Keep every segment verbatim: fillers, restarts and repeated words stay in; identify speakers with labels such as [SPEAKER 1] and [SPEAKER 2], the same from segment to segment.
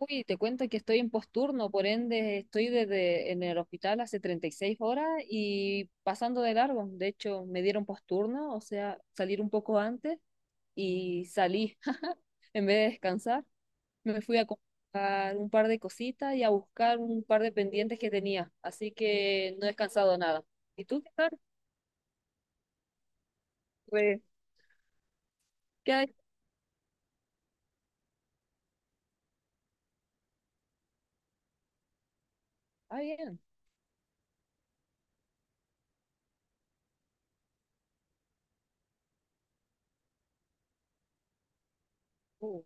[SPEAKER 1] Uy, te cuento que estoy en posturno, por ende estoy desde en el hospital hace treinta y seis horas y pasando de largo. De hecho, me dieron posturno, o sea, salir un poco antes y salí. En vez de descansar, me fui a comprar un par de cositas y a buscar un par de pendientes que tenía. Así que no he descansado nada. ¿Y tú qué tal? Pues, ¿qué hay? Ah, bien. Uh,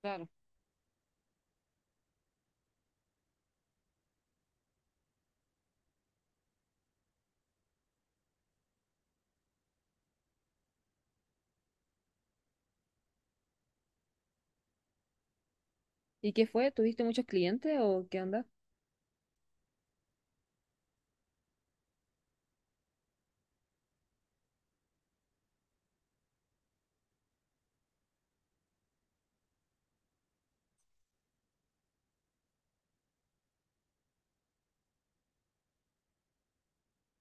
[SPEAKER 1] claro. ¿Y qué fue? ¿Tuviste muchos clientes o qué onda?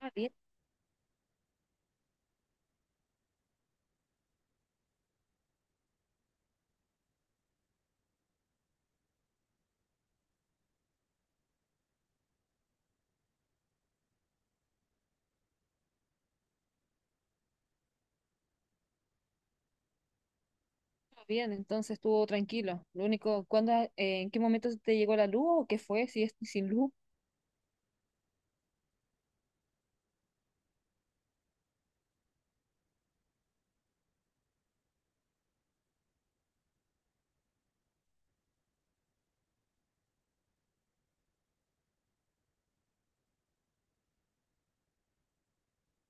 [SPEAKER 1] Ah, bien. Bien, entonces estuvo tranquilo. Lo único, ¿cuándo, eh, en qué momento te llegó la luz o qué fue? Si es sin luz.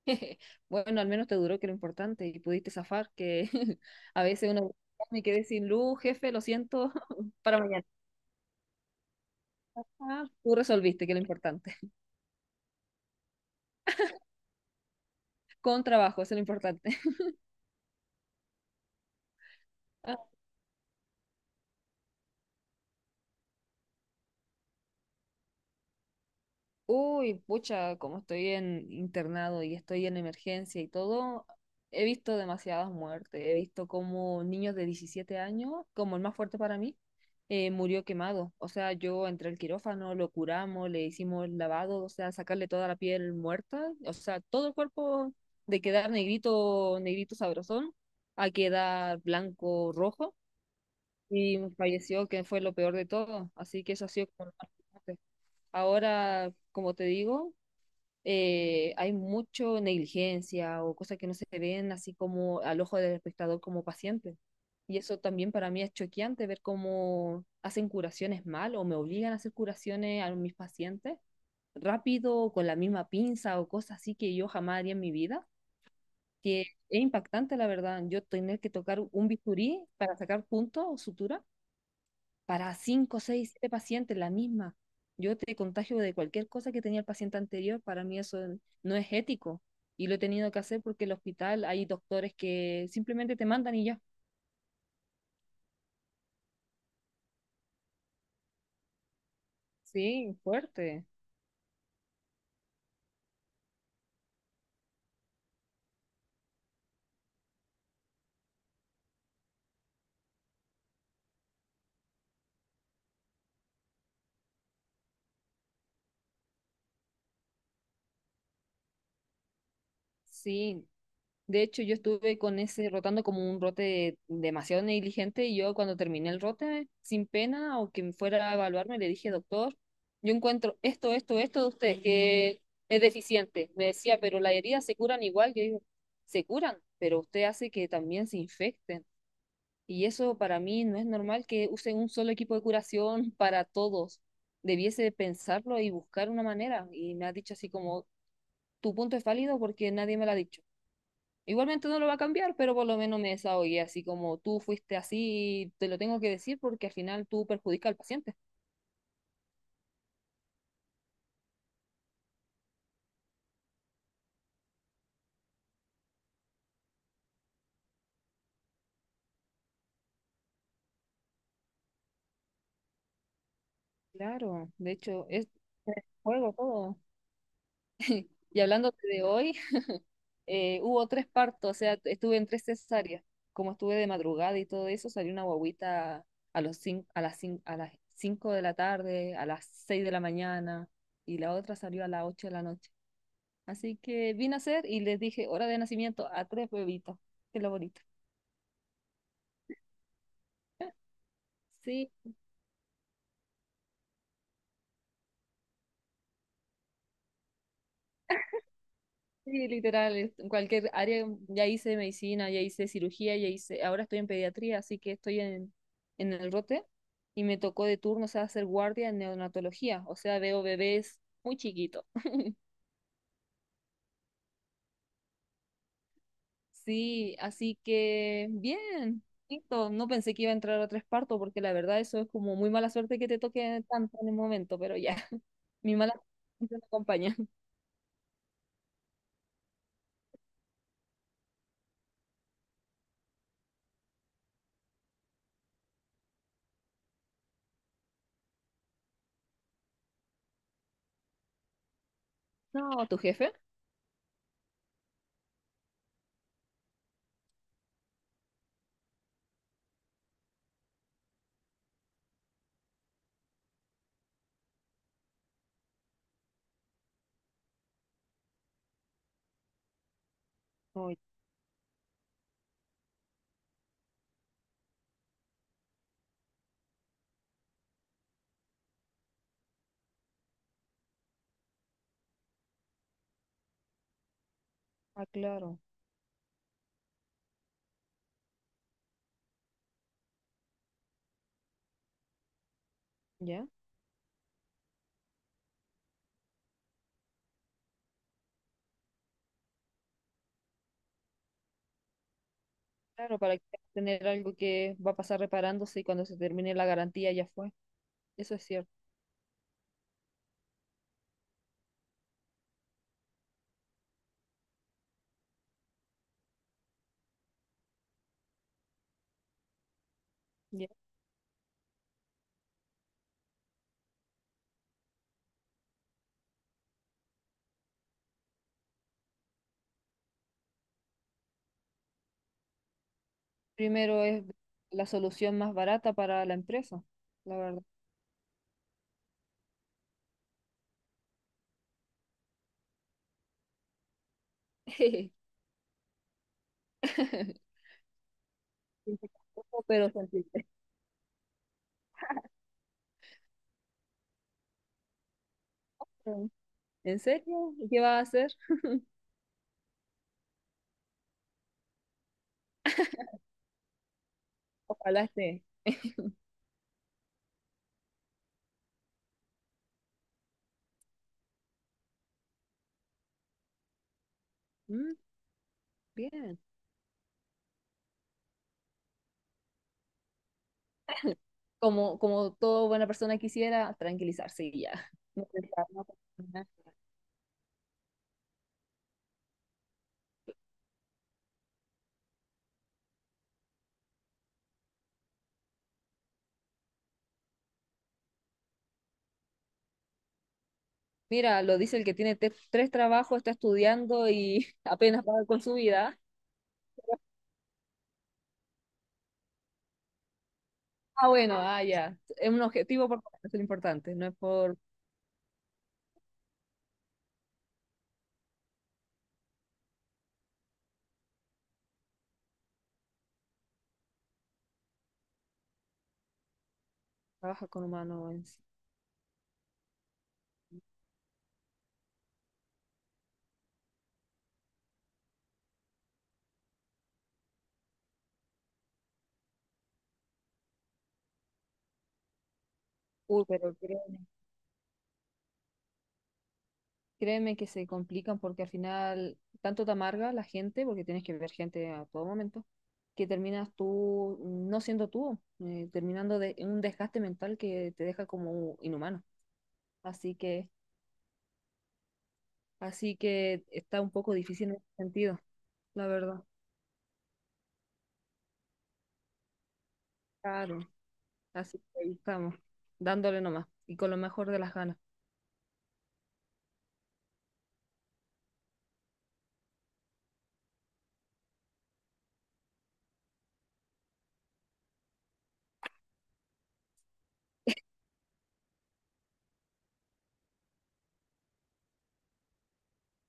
[SPEAKER 1] Bueno, al menos te duró, que era lo importante, y pudiste zafar, que a veces uno me quedé sin luz, jefe, lo siento, para mañana. Ah, tú resolviste, que es lo importante. Con trabajo, eso es lo importante. Uy, pucha, como estoy en internado y estoy en emergencia y todo, he visto demasiadas muertes. He visto como niños de diecisiete años, como el más fuerte para mí, eh, murió quemado. O sea, yo entré al quirófano, lo curamos, le hicimos el lavado, o sea, sacarle toda la piel muerta, o sea, todo el cuerpo de quedar negrito, negrito sabrosón, a quedar blanco, rojo, y falleció, que fue lo peor de todo. Así que eso ha sido como lo más fuerte. Ahora, como te digo, eh, hay mucho negligencia o cosas que no se ven así como al ojo del espectador como paciente. Y eso también para mí es choqueante ver cómo hacen curaciones mal o me obligan a hacer curaciones a mis pacientes rápido o con la misma pinza o cosas así que yo jamás haría en mi vida. Que es impactante, la verdad. Yo tener que tocar un bisturí para sacar puntos o sutura para cinco, seis siete pacientes, la misma. Yo te contagio de cualquier cosa que tenía el paciente anterior, para mí eso no es ético y lo he tenido que hacer porque en el hospital hay doctores que simplemente te mandan y ya. Sí, fuerte. Sí, de hecho, yo estuve con ese rotando como un rote demasiado negligente y yo cuando terminé el rote, sin pena o quien fuera a evaluarme, le dije, doctor, yo encuentro esto, esto, esto de ustedes que es deficiente. Me decía, pero las heridas se curan igual. Yo digo, se curan, pero usted hace que también se infecten. Y eso para mí no es normal que usen un solo equipo de curación para todos. Debiese pensarlo y buscar una manera. Y me ha dicho así como, tu punto es válido porque nadie me lo ha dicho. Igualmente no lo va a cambiar, pero por lo menos me desahogué, así como tú fuiste así, te lo tengo que decir porque al final tú perjudicas al paciente. Claro, de hecho, es juego todo. Y hablando de hoy, eh, hubo tres partos, o sea, estuve en tres cesáreas. Como estuve de madrugada y todo eso, salió una guagüita a los cin- a las cin- a las cinco de la tarde, a las seis de la mañana, y la otra salió a las ocho de la noche. Así que vine a hacer y les dije hora de nacimiento a tres bebitos. Qué lo bonito. Sí, sí, literal, es- en cualquier área, ya hice medicina, ya hice cirugía, ya hice, ahora estoy en pediatría, así que estoy en, en el rote y me tocó de turno, o sea, hacer guardia en neonatología, o sea, veo bebés muy chiquitos. Sí, así que bien, listo, no pensé que iba a entrar a tres partos porque la verdad eso es como muy mala suerte que te toque tanto en el momento, pero ya, mi mala suerte me acompaña. No, ¿tu jefe? Oh, ah, claro, ya. Claro, para que tener algo que va a pasar reparándose y cuando se termine la garantía ya fue. Eso es cierto. Ya. Primero es la solución más barata para la empresa, la verdad. Simple, pero sensible. Mm. ¿En serio? ¿Y qué va a hacer? Ojalá esté. Mm, bien. Como, como toda buena persona quisiera, tranquilizarse y ya. No pensar, no pensar nada. Mira, lo dice el que tiene te- tres trabajos, está estudiando y apenas va con su vida. Ah, bueno, ah, ya. Es un objetivo por eso es lo importante, no es por trabajar con humanos en sí. Uy, pero créeme, créeme que se complican porque al final tanto te amarga la gente, porque tienes que ver gente a todo momento, que terminas tú no siendo tú, eh, terminando de en un desgaste mental que te deja como inhumano. Así que, así que está un poco difícil en ese sentido, la verdad. Claro, así que ahí estamos, dándole nomás y con lo mejor de las ganas.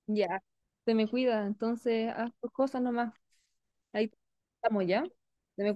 [SPEAKER 1] Ya, se me cuida, entonces haz tus cosas nomás. Ahí estamos ya.